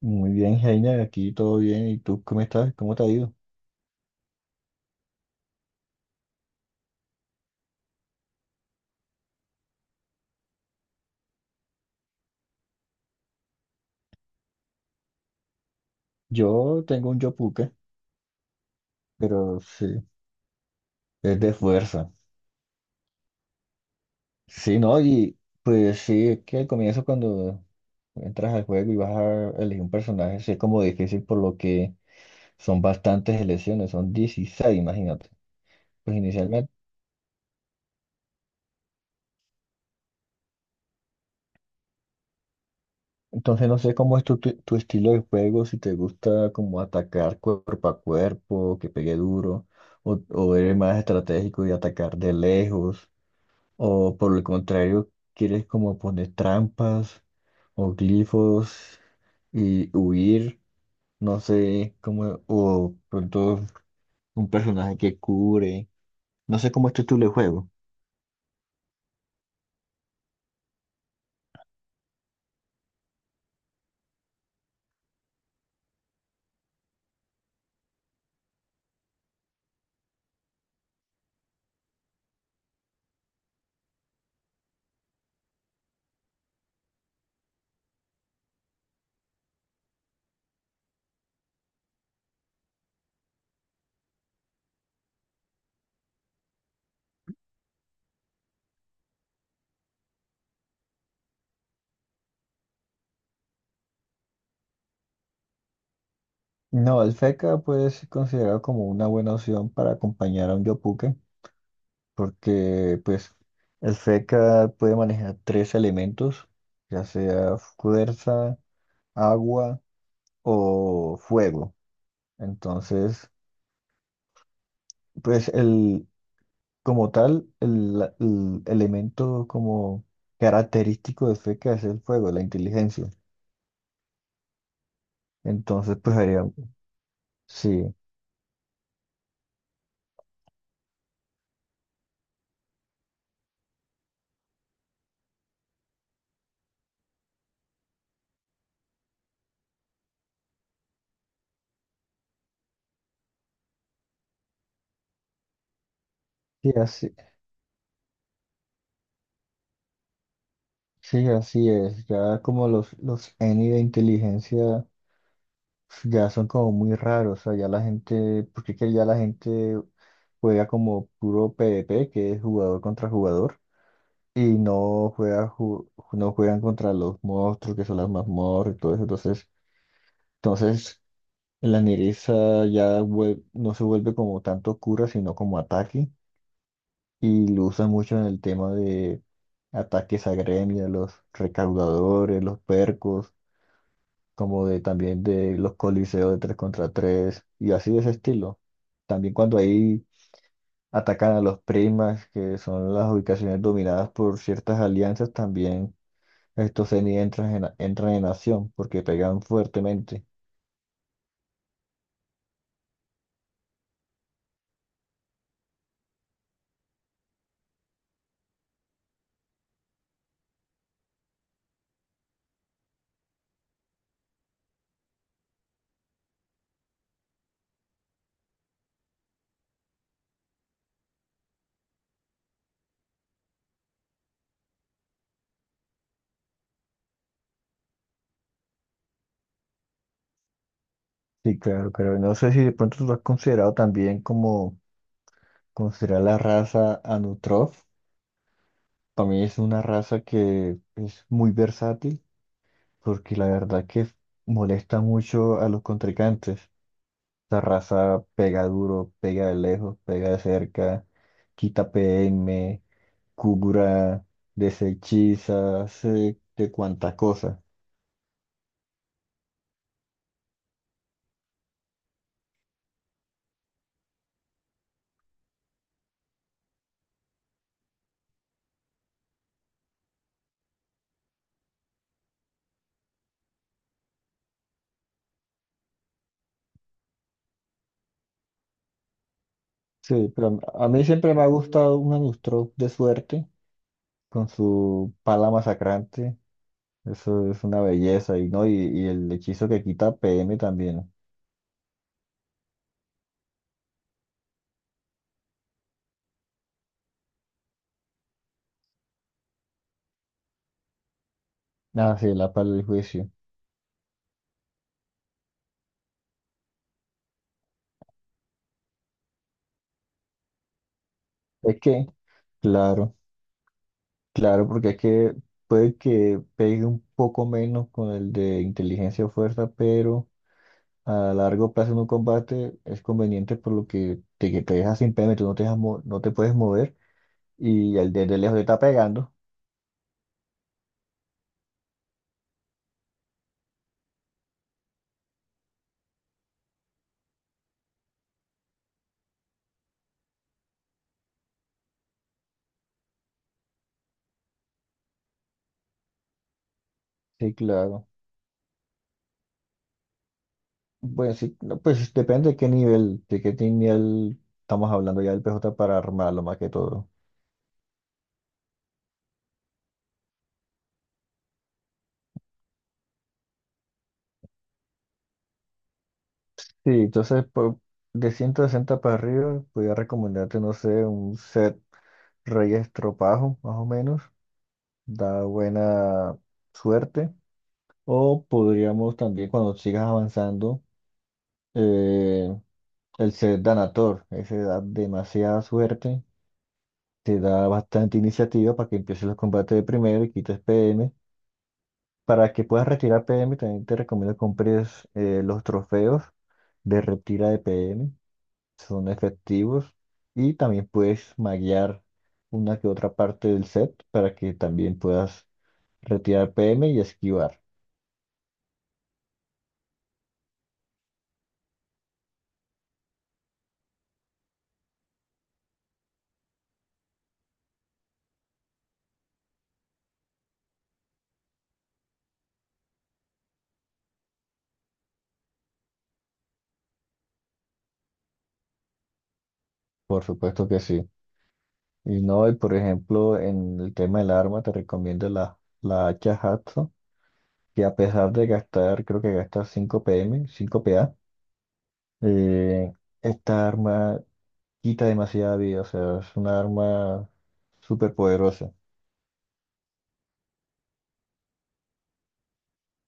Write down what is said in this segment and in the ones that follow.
Muy bien, Heiner, aquí todo bien. ¿Y tú cómo estás? ¿Cómo te ha ido? Yo tengo un yopuque, pero sí, es de fuerza. Sí, ¿no? Y pues sí, es que al comienzo cuando entras al juego y vas a elegir un personaje, sí es como difícil por lo que son bastantes elecciones, son 16, imagínate. Pues inicialmente. Entonces no sé cómo es tu estilo de juego, si te gusta como atacar cuerpo a cuerpo, que pegue duro, o eres más estratégico y atacar de lejos. O por el contrario, quieres como poner trampas o glifos y huir, no sé cómo, o pronto un personaje que cubre, no sé cómo es tu el juego. No, el Fekka puede ser considerado como una buena opción para acompañar a un Yopuke, porque pues el Fekka puede manejar tres elementos, ya sea fuerza, agua o fuego. Entonces, pues como tal, el elemento como característico de FECA es el fuego, la inteligencia. Entonces, pues haría, sí, sí, así, sí, así es. Ya como los Eni de inteligencia ya son como muy raros. O sea, ya la gente, porque es que ya la gente juega como puro PvP, que es jugador contra jugador, y no juega, no juegan contra los monstruos, que son las mazmorras y todo eso. Entonces, la nereza ya no se vuelve como tanto cura, sino como ataque, y lo usan mucho en el tema de ataques a gremios, los recaudadores, los percos, como de también de los coliseos de 3 contra 3 y así de ese estilo. También cuando ahí atacan a los primas, que son las ubicaciones dominadas por ciertas alianzas, también estos Zeni entran en acción, porque pegan fuertemente. Sí, claro, pero no sé si de pronto tú lo has considerado también como considerar la raza Anutrof. Para mí es una raza que es muy versátil, porque la verdad que molesta mucho a los contrincantes. Esa raza pega duro, pega de lejos, pega de cerca, quita PM, cura, desechiza, hace de cuanta cosa. Sí, pero a mí siempre me ha gustado un Anutrof de suerte, con su pala masacrante. Eso es una belleza, y no, y el hechizo que quita PM también. Ah, sí, la para el juicio. Es que, claro, claro, porque es que puede que pegue un poco menos con el de inteligencia o fuerza, pero a largo plazo en un combate es conveniente por lo que que te dejas sin PM, tú no te dejas no te puedes mover, y el de lejos te está pegando. Sí, claro. Bueno, sí, no, pues depende de de qué nivel estamos hablando ya del PJ para armarlo más que todo. Sí, de 160 para arriba, podría recomendarte, no sé, un set Reyes Estropajo, más o menos. Da buena suerte. O podríamos también, cuando sigas avanzando, eh, el set Danator. Ese da demasiada suerte. Te da bastante iniciativa para que empieces los combates de primero y quites PM. Para que puedas retirar PM, también te recomiendo que compres los trofeos de retira de PM son efectivos y también puedes maguear una que otra parte del set para que también puedas retirar PM y esquivar. Por supuesto que sí. Y no, y por ejemplo, en el tema del arma te recomiendo la hacha Hatso, que a pesar de gastar, creo que gasta 5 PM, 5 PA, eh, esta arma quita demasiada vida, o sea, es una arma súper poderosa.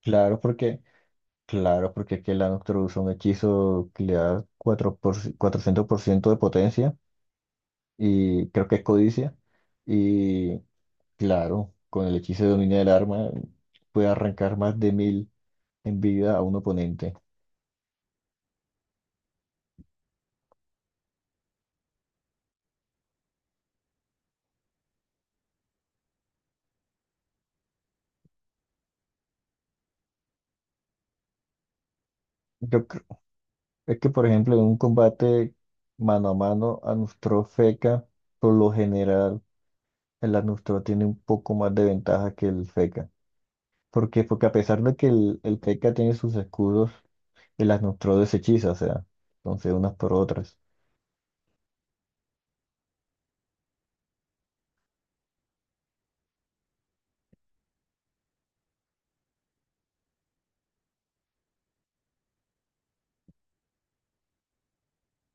Claro, porque, claro, porque es que la Nocturne usa un hechizo que le da 400% de potencia y creo que es codicia. Y claro, con el hechizo de dominio del arma puede arrancar más de 1000 en vida a un oponente. Yo creo es que, por ejemplo, en un combate mano a mano, Anustro Feca, por lo general, el Anustro tiene un poco más de ventaja que el Feca. ¿Por qué? Porque a pesar de que el Feca tiene sus escudos y las neutró de ese hechizo, o sea, entonces unas por otras.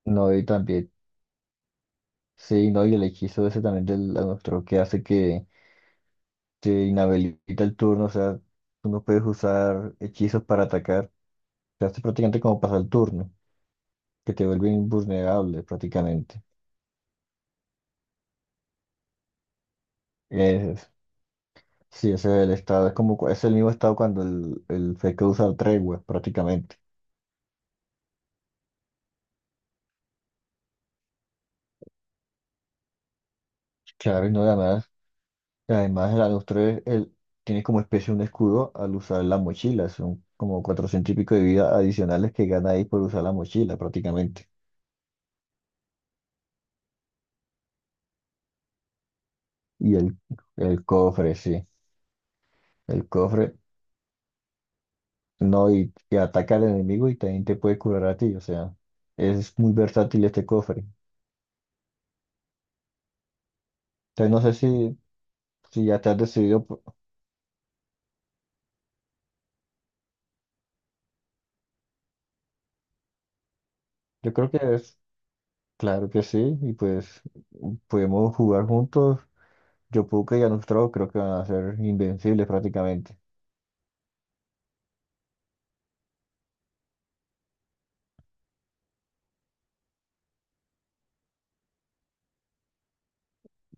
No, y también, sí, no, y el hechizo ese también del la neutró que hace que te inhabilita el turno, o sea, tú no puedes usar hechizos para atacar, te hace prácticamente como pasar el turno, que te vuelve invulnerable prácticamente. Es, sí, ese es el estado, es como, es el mismo estado cuando el Fekka usa el tregua prácticamente. Claro, y no, además y además, el Alostre él tiene como especie un escudo al usar la mochila. Son como 400 y pico de vida adicionales que gana ahí por usar la mochila prácticamente. Y el cofre, sí. El cofre, no, y ataca al enemigo y también te puede curar a ti. O sea, es muy versátil este cofre. Entonces, no sé si, si ya te has decidido, por- Yo creo que es, claro que sí. Y pues podemos jugar juntos. Yo puedo que y Alostre creo que van a ser invencibles prácticamente.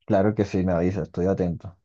Claro que sí, me avisas, estoy atento.